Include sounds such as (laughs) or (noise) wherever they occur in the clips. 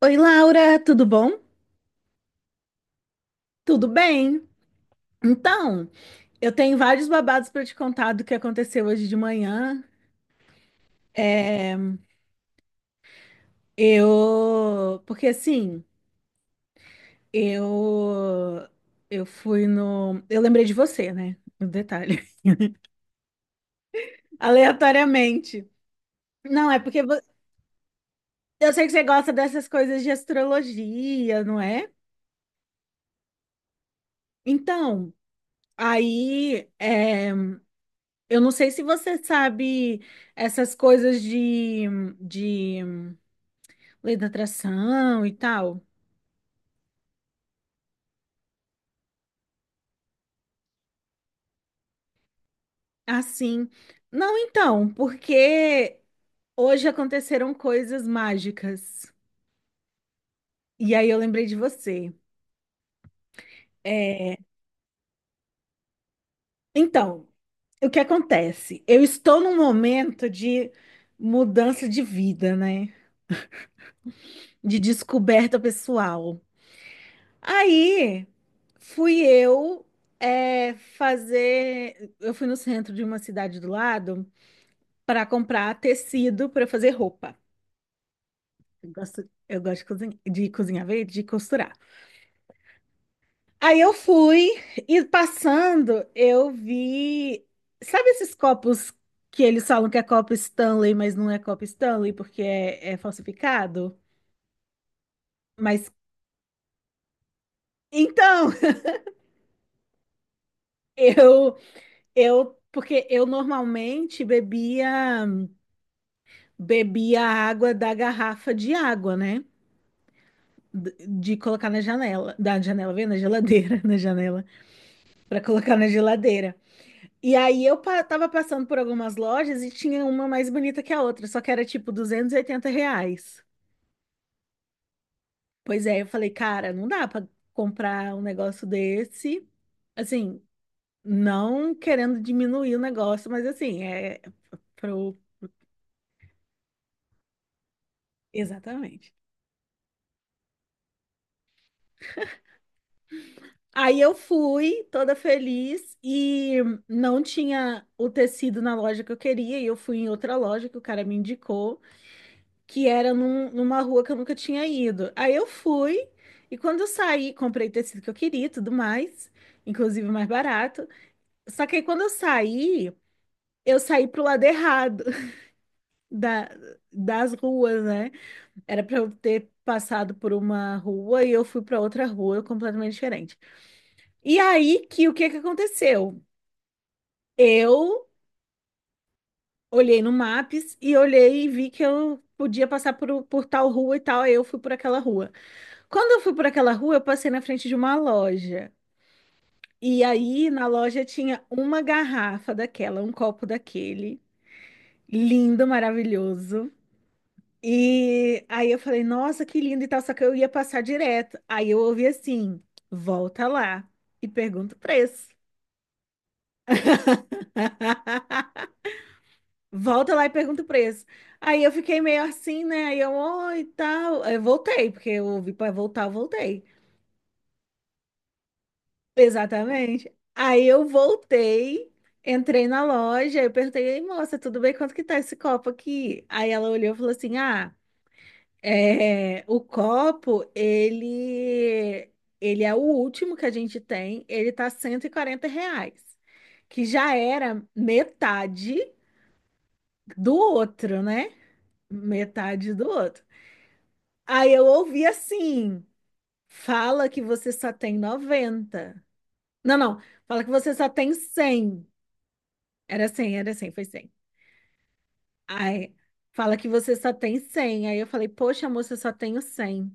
Oi, Laura, tudo bom? Tudo bem? Então, eu tenho vários babados para te contar do que aconteceu hoje de manhã. É, porque assim, eu eu fui no, eu lembrei de você, né? Um detalhe. (laughs) Aleatoriamente. Não, é porque eu sei que você gosta dessas coisas de astrologia, não é? Então, aí, eu não sei se você sabe essas coisas de lei da atração e tal. Assim. Não, então, porque hoje aconteceram coisas mágicas. E aí eu lembrei de você. É, então, o que acontece? Eu estou num momento de mudança de vida, né? De descoberta pessoal. Aí fui eu, fazer. Eu fui no centro de uma cidade do lado para comprar tecido para fazer roupa. Eu gosto de cozinhar, vê, de costurar. Aí eu fui e, passando, eu vi. Sabe esses copos que eles falam que é copo Stanley, mas não é copo Stanley porque é falsificado? Mas então, (laughs) eu, eu, porque eu normalmente bebia água da garrafa de água, né? De colocar na janela, da janela, vem na geladeira, (laughs) na janela, para colocar na geladeira. E aí eu tava passando por algumas lojas e tinha uma mais bonita que a outra, só que era tipo R$ 280. Pois é, eu falei, cara, não dá pra comprar um negócio desse. Assim, não querendo diminuir o negócio, mas assim, é pro. Exatamente. Aí eu fui toda feliz e não tinha o tecido na loja que eu queria, e eu fui em outra loja que o cara me indicou, que era numa rua que eu nunca tinha ido. Aí eu fui, e quando eu saí, comprei o tecido que eu queria e tudo mais, inclusive o mais barato. Só que aí quando eu saí pro lado errado (laughs) da, das ruas, né? Era pra eu ter passado por uma rua e eu fui pra outra rua completamente diferente. E aí, que o que que aconteceu? Eu olhei no Maps e olhei e vi que eu podia passar por tal rua e tal, aí eu fui por aquela rua. Quando eu fui por aquela rua, eu passei na frente de uma loja. E aí, na loja tinha uma garrafa daquela, um copo daquele, lindo, maravilhoso. E aí eu falei, nossa, que lindo e tal, só que eu ia passar direto. Aí eu ouvi assim: volta lá e pergunta o preço. (laughs) Volta lá e pergunta o preço. Aí eu fiquei meio assim, né? Aí eu, oi, e tal. Aí eu voltei, porque eu ouvi para voltar, eu voltei. Exatamente. Aí eu voltei, entrei na loja, eu perguntei, ei, moça, tudo bem? Quanto que tá esse copo aqui? Aí ela olhou e falou assim: ah, é, o copo, ele é o último que a gente tem, ele tá R$ 140, que já era metade do outro, né? Metade do outro. Aí eu ouvi assim: fala que você só tem 90. Não, não, fala que você só tem 100. Era 100, era 100, foi 100 Aí, fala que você só tem 100. Aí eu falei, poxa, moça, eu só tenho 100.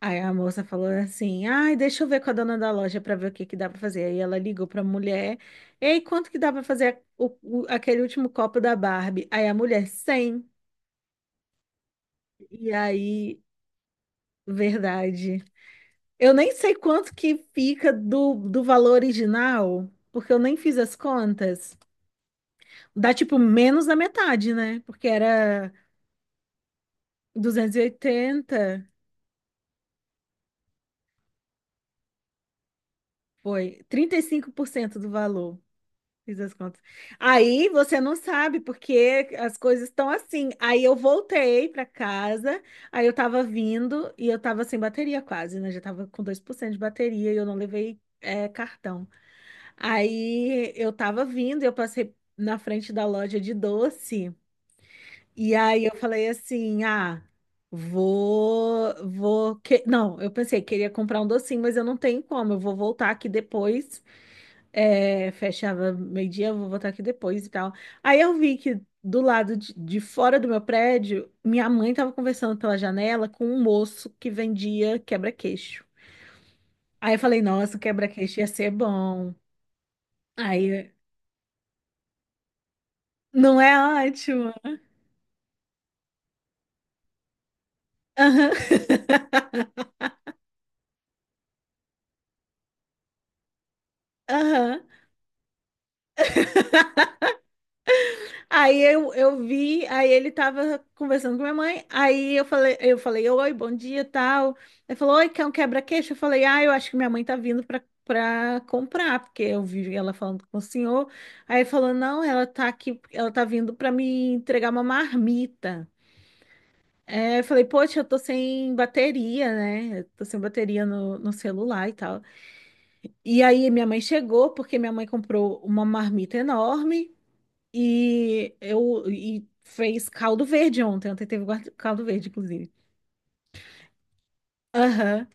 Aí a moça falou assim, ai, deixa eu ver com a dona da loja para ver o que que dá para fazer. Aí ela ligou para a mulher, ei, quanto que dá para fazer aquele último copo da Barbie? Aí a mulher, 100. E aí, verdade. Eu nem sei quanto que fica do valor original, porque eu nem fiz as contas. Dá tipo menos da metade, né? Porque era 280. Foi 35% do valor. Fiz as contas. Aí você não sabe porque as coisas estão assim. Aí eu voltei para casa, aí eu tava vindo e eu tava sem bateria quase, né? Já tava com 2% de bateria e eu não levei, cartão. Aí eu tava vindo e eu passei na frente da loja de doce e aí eu falei assim: "Ah, vou, que, não, eu pensei, queria comprar um docinho, mas eu não tenho como, eu vou voltar aqui depois, fechava meio-dia, eu vou voltar aqui depois e tal." Aí eu vi que do lado de fora do meu prédio, minha mãe tava conversando pela janela com um moço que vendia quebra-queixo. Aí eu falei, nossa, o quebra-queixo ia ser bom. Aí, não é ótimo? Aham. (laughs) Aham. (laughs) Aí eu vi, aí ele tava conversando com minha mãe, aí eu falei, oi, bom dia, tal. Ele falou, oi, quer um quebra-queixo? Eu falei, ah, eu acho que minha mãe tá vindo pra comprar, porque eu vi ela falando com o senhor. Aí ele falou, não, ela tá aqui, ela tá vindo pra me entregar uma marmita. É, eu falei, poxa, eu tô sem bateria, né? Eu tô sem bateria no celular e tal. E aí minha mãe chegou, porque minha mãe comprou uma marmita enorme. E eu e fez caldo verde ontem. Ontem teve caldo verde, inclusive. Aham.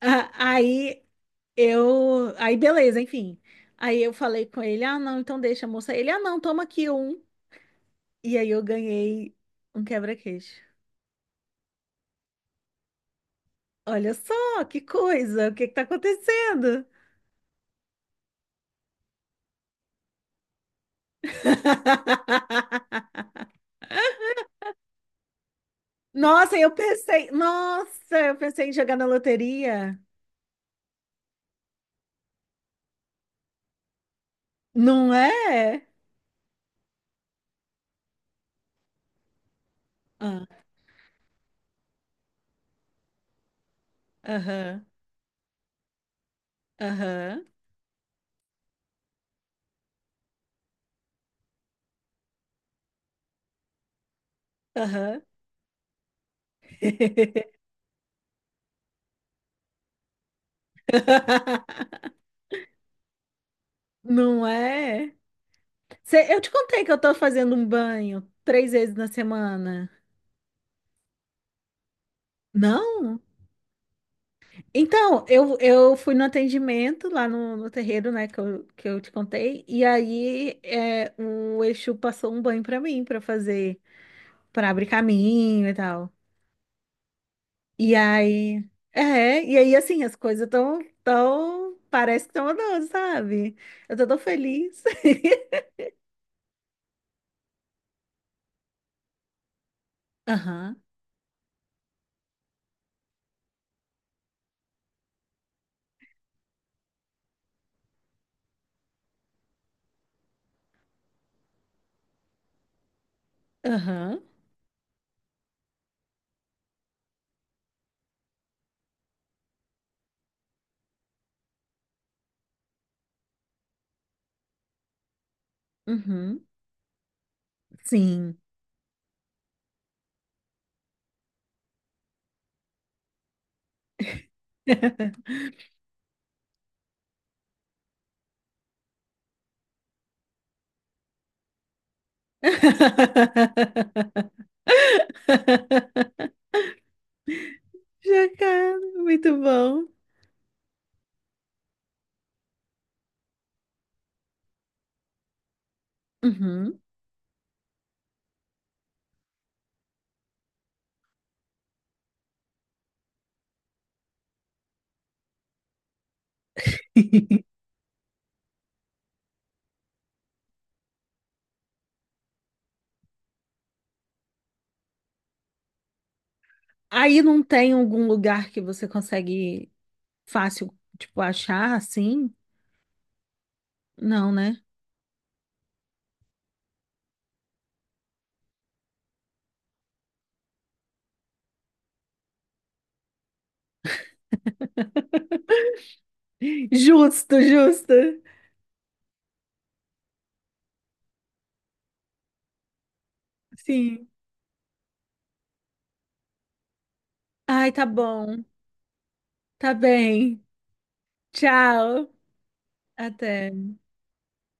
Ah, aí eu. Aí beleza, enfim. Aí eu falei com ele: ah, não, então deixa, moça. Ele: ah, não, toma aqui um. E aí eu ganhei um quebra-queixo. Olha só, que coisa, o que que tá acontecendo? (laughs) Nossa, eu pensei em jogar na loteria. Não é? Ah, aham, aham, aham. (laughs) Não é? Eu te contei que eu tô fazendo um banho 3 vezes na semana. Não? Então, eu fui no atendimento lá no terreiro, né, que eu te contei, e aí, o Exu passou um banho pra mim, pra fazer, pra abrir caminho e tal. E aí, e aí assim, as coisas tão, parece que tão andando, sabe? Eu tô tão feliz. (laughs) Aham, aham, uhum, sim. (laughs) (laughs) Jacaré, muito bom. Uhum. (laughs) Aí não tem algum lugar que você consegue fácil, tipo, achar assim? Não, né? Justo, justo. Sim. Ai, tá bom. Tá bem. Tchau. Até.